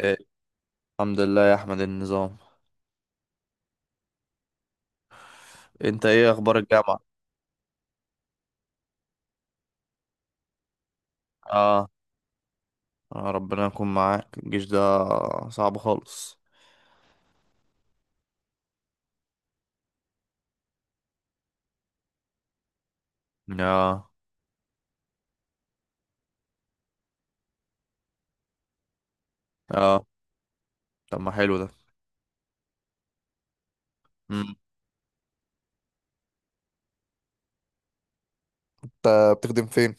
إيه، الحمد لله يا احمد. النظام. انت ايه اخبار الجامعة؟ اه. آه، ربنا يكون معاك. الجيش ده صعب خالص. اه اه. طب ما حلو ده. مم. انت بتخدم فين؟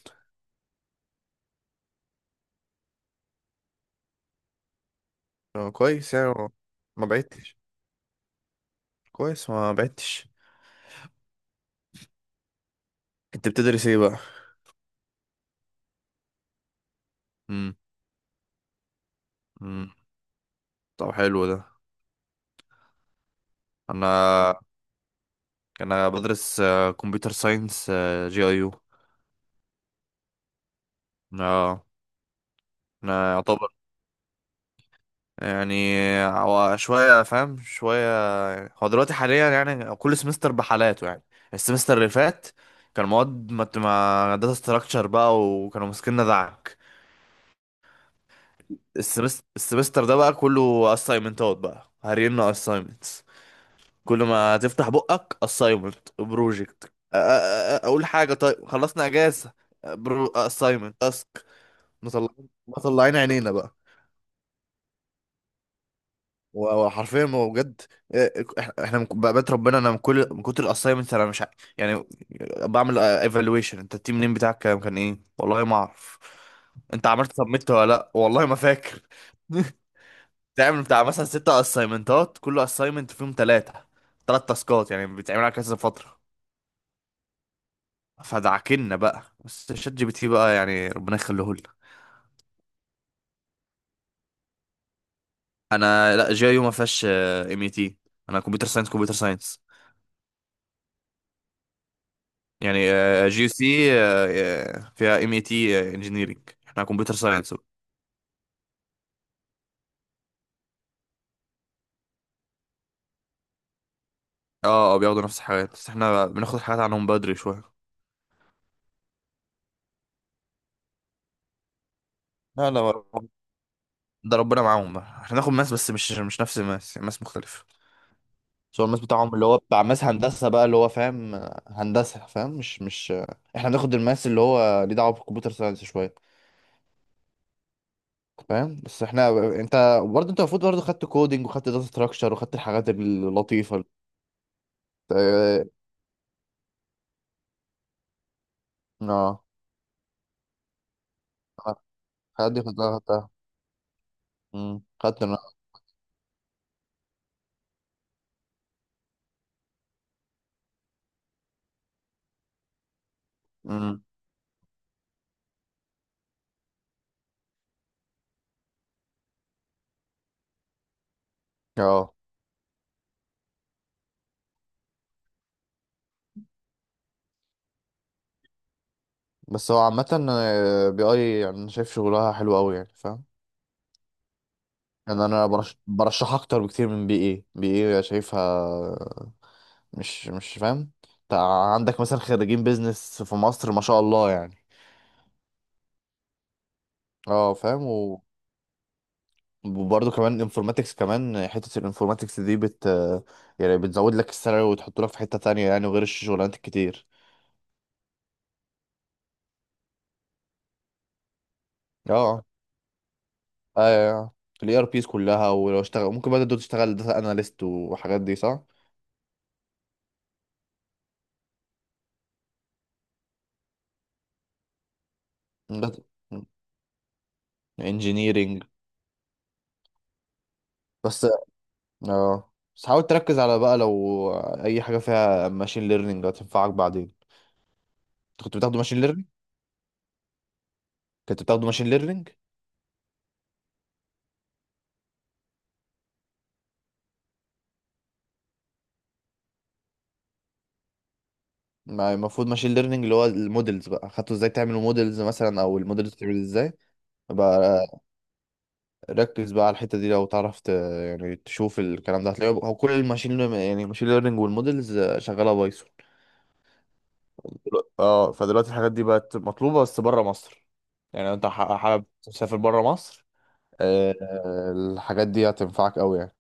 آه، كويس يعني. ما بعدتش، كويس ما بعدتش. انت بتدرس ايه بقى؟ مم. مم. طب حلو ده. انا انا بدرس كمبيوتر ساينس، جي اي يو. اه. انا يعني هو شوية فاهم شوية يعني. هو دلوقتي حاليا يعني كل سمستر بحالاته يعني. السمستر اللي فات كان مواد مت- ما داتا ستراكشر بقى، وكانوا ماسكيننا دعك. السمستر ده بقى كله اسايمنتات، بقى هرينا اسايمنتس. كل ما تفتح بقك اسايمنت بروجكت، اقول حاجة طيب خلصنا اجازة، برو اسايمنت اسك. مطلعين عينينا بقى. وحرفيا ما هو بجد. إيه، إحنا من بقيت ربنا، انا من كل من كتر الاسايمنت، انا مش ع- يعني بعمل ايفالويشن، انت التيم نيم بتاعك كان ايه، والله ما اعرف، انت عملت سبميت ولا لا، والله ما فاكر. تعمل بتاع مثلا ستة اسايمنتات، كل اسايمنت فيهم ثلاث تاسكات، يعني بتعمل على كذا فترة. فدعكنا بقى، بس شات جي بي تي بقى يعني ربنا يخليه لنا. انا لا، جي يو ما فيهاش ام اي تي، انا كمبيوتر ساينس كمبيوتر ساينس يعني. جي يو سي فيها ام اي تي انجينيرنج، احنا كمبيوتر ساينس. اه اه، بياخدوا نفس الحاجات، بس احنا بناخد حاجات عنهم بدري شويه. لا لا، ده ربنا معاهم بقى، احنا ناخد ماس بس مش نفس الماس، ماس مختلف. بس هو الماس بتاعهم اللي هو بتاع ماس هندسة بقى، اللي هو فاهم، هندسة، فاهم، مش مش آه، احنا بناخد الماس اللي هو ليه دعوة بالكمبيوتر ساينس شوية، فاهم. بس احنا، انت برضه، انت المفروض برضه خدت كودينج وخدت داتا ستراكشر وخدت الحاجات اللطيفة. اه، آه، الحاجات دي كلها خدتها. خدت انا. امم اه بس هو عامة، بي اي يعني أنا شايف شغلها حلو قوي يعني، فاهم. يعني انا برشحها اكتر بكتير من بي اي شايفها، مش فاهم. عندك مثلا خريجين بيزنس في مصر ما شاء الله يعني. اه فاهم، وبرضه كمان انفورماتكس، كمان حتة الانفورماتكس دي يعني بتزود لك السالري وتحط لك في حتة تانية يعني، وغير الشغلانات الكتير. اه ايوه، الاي ار بيز كلها، ولو اشتغل، ممكن بقى تبدأ تشتغل داتا اناليست وحاجات دي صح. بس انجينيرينج. بس اه بس حاول تركز على بقى، لو اي حاجه فيها ماشين ليرنينج، هتنفعك بعدين. انت كنت بتاخده ماشين ليرنينج؟ ما المفروض ماشين ليرنينج، اللي هو المودلز بقى، خدته ازاي تعمل مودلز مثلا، او المودلز بتعمل ازاي؟ بقى ركز بقى على الحته دي، لو تعرف يعني تشوف الكلام ده، هتلاقيه هو كل الماشين يعني ماشين ليرنينج والمودلز شغاله بايثون. فدلوقتي الحاجات دي بقت مطلوبة بس بره مصر. يعني لو انت حابب تسافر بره مصر، الحاجات دي هتنفعك قوي يعني.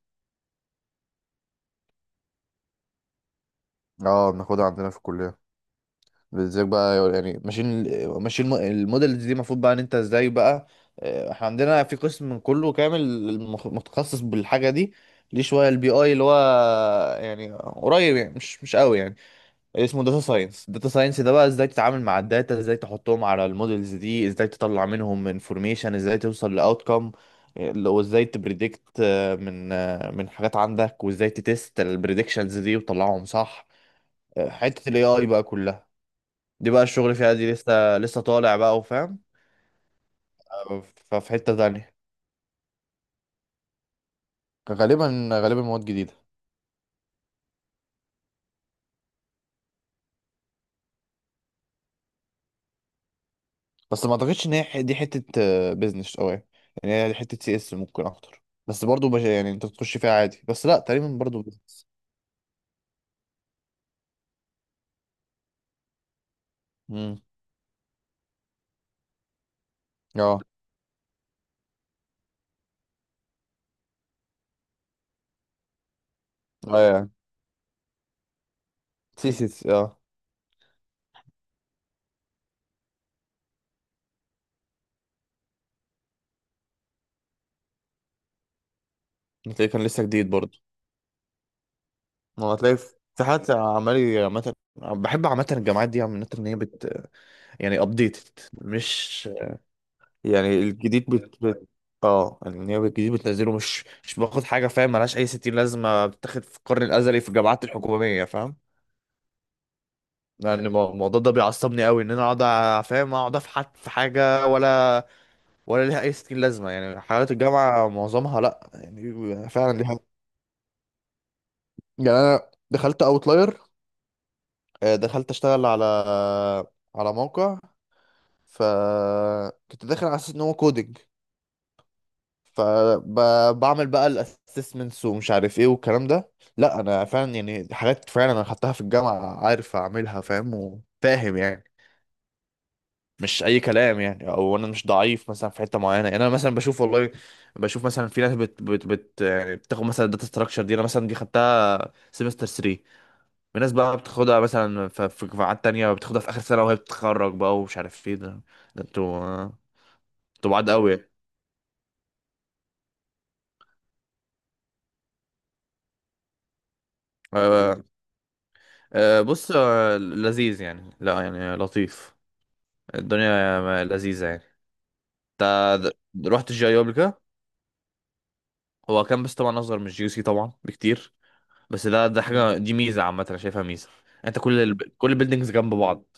اه، بناخدها عندنا في الكلية. بالذات بقى يعني، ماشيين المودلز دي، المفروض بقى ان انت ازاي بقى. آه، احنا عندنا في قسم كله كامل متخصص بالحاجة دي. ليه شوية البي اي اللي هو يعني قريب يعني مش قوي يعني. اسمه داتا ساينس. داتا ساينس ده بقى ازاي تتعامل مع الداتا، ازاي تحطهم على المودلز دي، ازاي تطلع منهم انفورميشن، ازاي توصل لاوتكم، وازاي تبريدكت من حاجات عندك، وازاي تتست البريدكشنز دي وتطلعهم صح. آه، حتة الاي اي بقى كلها دي، بقى الشغل فيها دي لسه طالع بقى، وفاهم. آه، ففي حتة تانية. غالبا غالبا مواد جديدة. بس ما اعتقدش ان هي دي حتة بزنس قوي، يعني هي حتة سي اس ممكن اكتر، بس برضو يعني انت بتخش فيها عادي، بس لا، تقريبا برضو business. امم. اه ايوه، سيسيس اه. هتلاقيه كان لسه جديد برضه. هو هتلاقي في حد عمال، عامة بحب عامة الجامعات دي عامة ان هي يعني ابديتد، مش يعني الجديد اه، يعني ان هي الجديد بتنزله، مش باخد حاجة، فاهم؟ ملهاش اي ستين لازمة، بتاخد في القرن الازلي في الجامعات الحكومية، فاهم. يعني الموضوع ده بيعصبني قوي، ان انا اقعد فاهم، اقعد افحت في حاجة، ولا ليها اي ستين لازمة. يعني حالات الجامعة معظمها لا، يعني فعلا. يعني انا دخلت اوتلاير، دخلت اشتغل على موقع، فكنت داخل على اساس ان هو كودنج، فبعمل بقى الاسسمنتس ومش عارف ايه والكلام ده. لا انا فعلا، يعني حاجات فعلا انا خدتها في الجامعه، عارف اعملها، فاهم وفاهم يعني. مش اي كلام يعني، او انا مش ضعيف مثلا في حته معينه يعني. انا مثلا بشوف، والله بشوف مثلا في ناس بت يعني بتاخد مثلا الداتا ستراكشر دي، انا مثلا دي خدتها سيمستر 3. في ناس بقى بتاخدها مثلا في قاعات تانية، بتاخدها في آخر سنة وهي بتتخرج بقى، ومش عارف ايه ده. ده انتوا انتوا بعاد قوي. آه، بص، لذيذ يعني، لا يعني لطيف، الدنيا لذيذة يعني. انت رحت الجي اي قبل كده؟ هو كامبس طبعا اصغر من الجي سي طبعا بكتير، بس ده حاجة دي ميزة، عامة انا شايفها ميزة. انت كل البيلدينجز جنب بعض،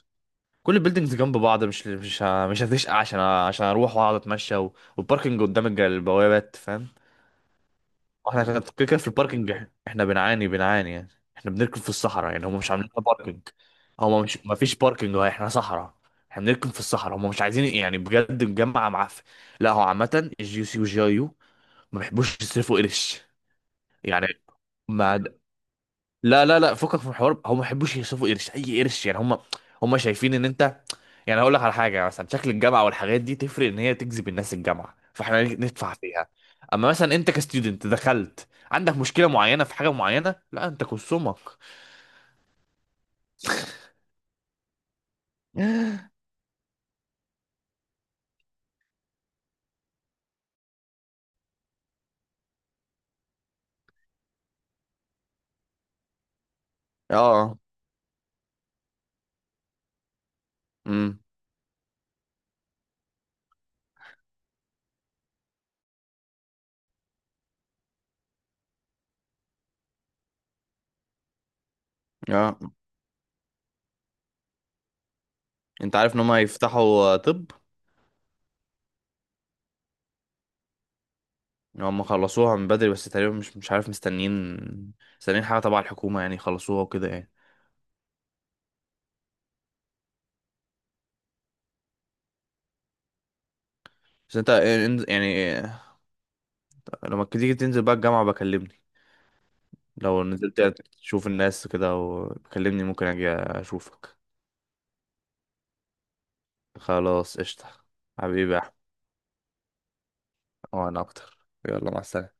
مش هتشقى، عشان اروح واقعد اتمشى، والباركنج قدام البوابات، فاهم. احنا عشان كده كده في الباركنج، احنا بنعاني بنعاني يعني. احنا بنركن في الصحراء يعني، هم مش عاملين لنا باركنج. هم مش ما فيش باركنج، هو احنا صحراء. احنا بنركن في الصحراء، هم مش عايزين يعني، بجد الجامعة معفن. لا هو عامة الجي يو سي والجي اي يو ما بيحبوش يصرفوا قرش يعني، ما لا لا لا، فكك من الحوار، هم ما يحبوش يصرفوا قرش، اي قرش يعني. هم شايفين ان انت يعني، هقول لك على حاجه، مثلا شكل الجامعه والحاجات دي تفرق ان هي تجذب الناس الجامعه فاحنا ندفع فيها. اما مثلا انت كستودنت دخلت عندك مشكله معينه في حاجه معينه، لا انت كسومك. اه. امم اه، انت عارف ان هم هيفتحوا؟ آه، طب هم خلصوها من بدري بس تقريبا مش عارف، مستنيين، مستنيين حاجه تبع الحكومه، يعني يخلصوها وكده يعني. بس انت يعني لما تيجي تنزل بقى الجامعة بكلمني، لو نزلت يعني تشوف الناس كده، وبكلمني ممكن اجي اشوفك. خلاص قشطة. حبيبي يا احمد. وانا اكتر. يلا مع السلامة.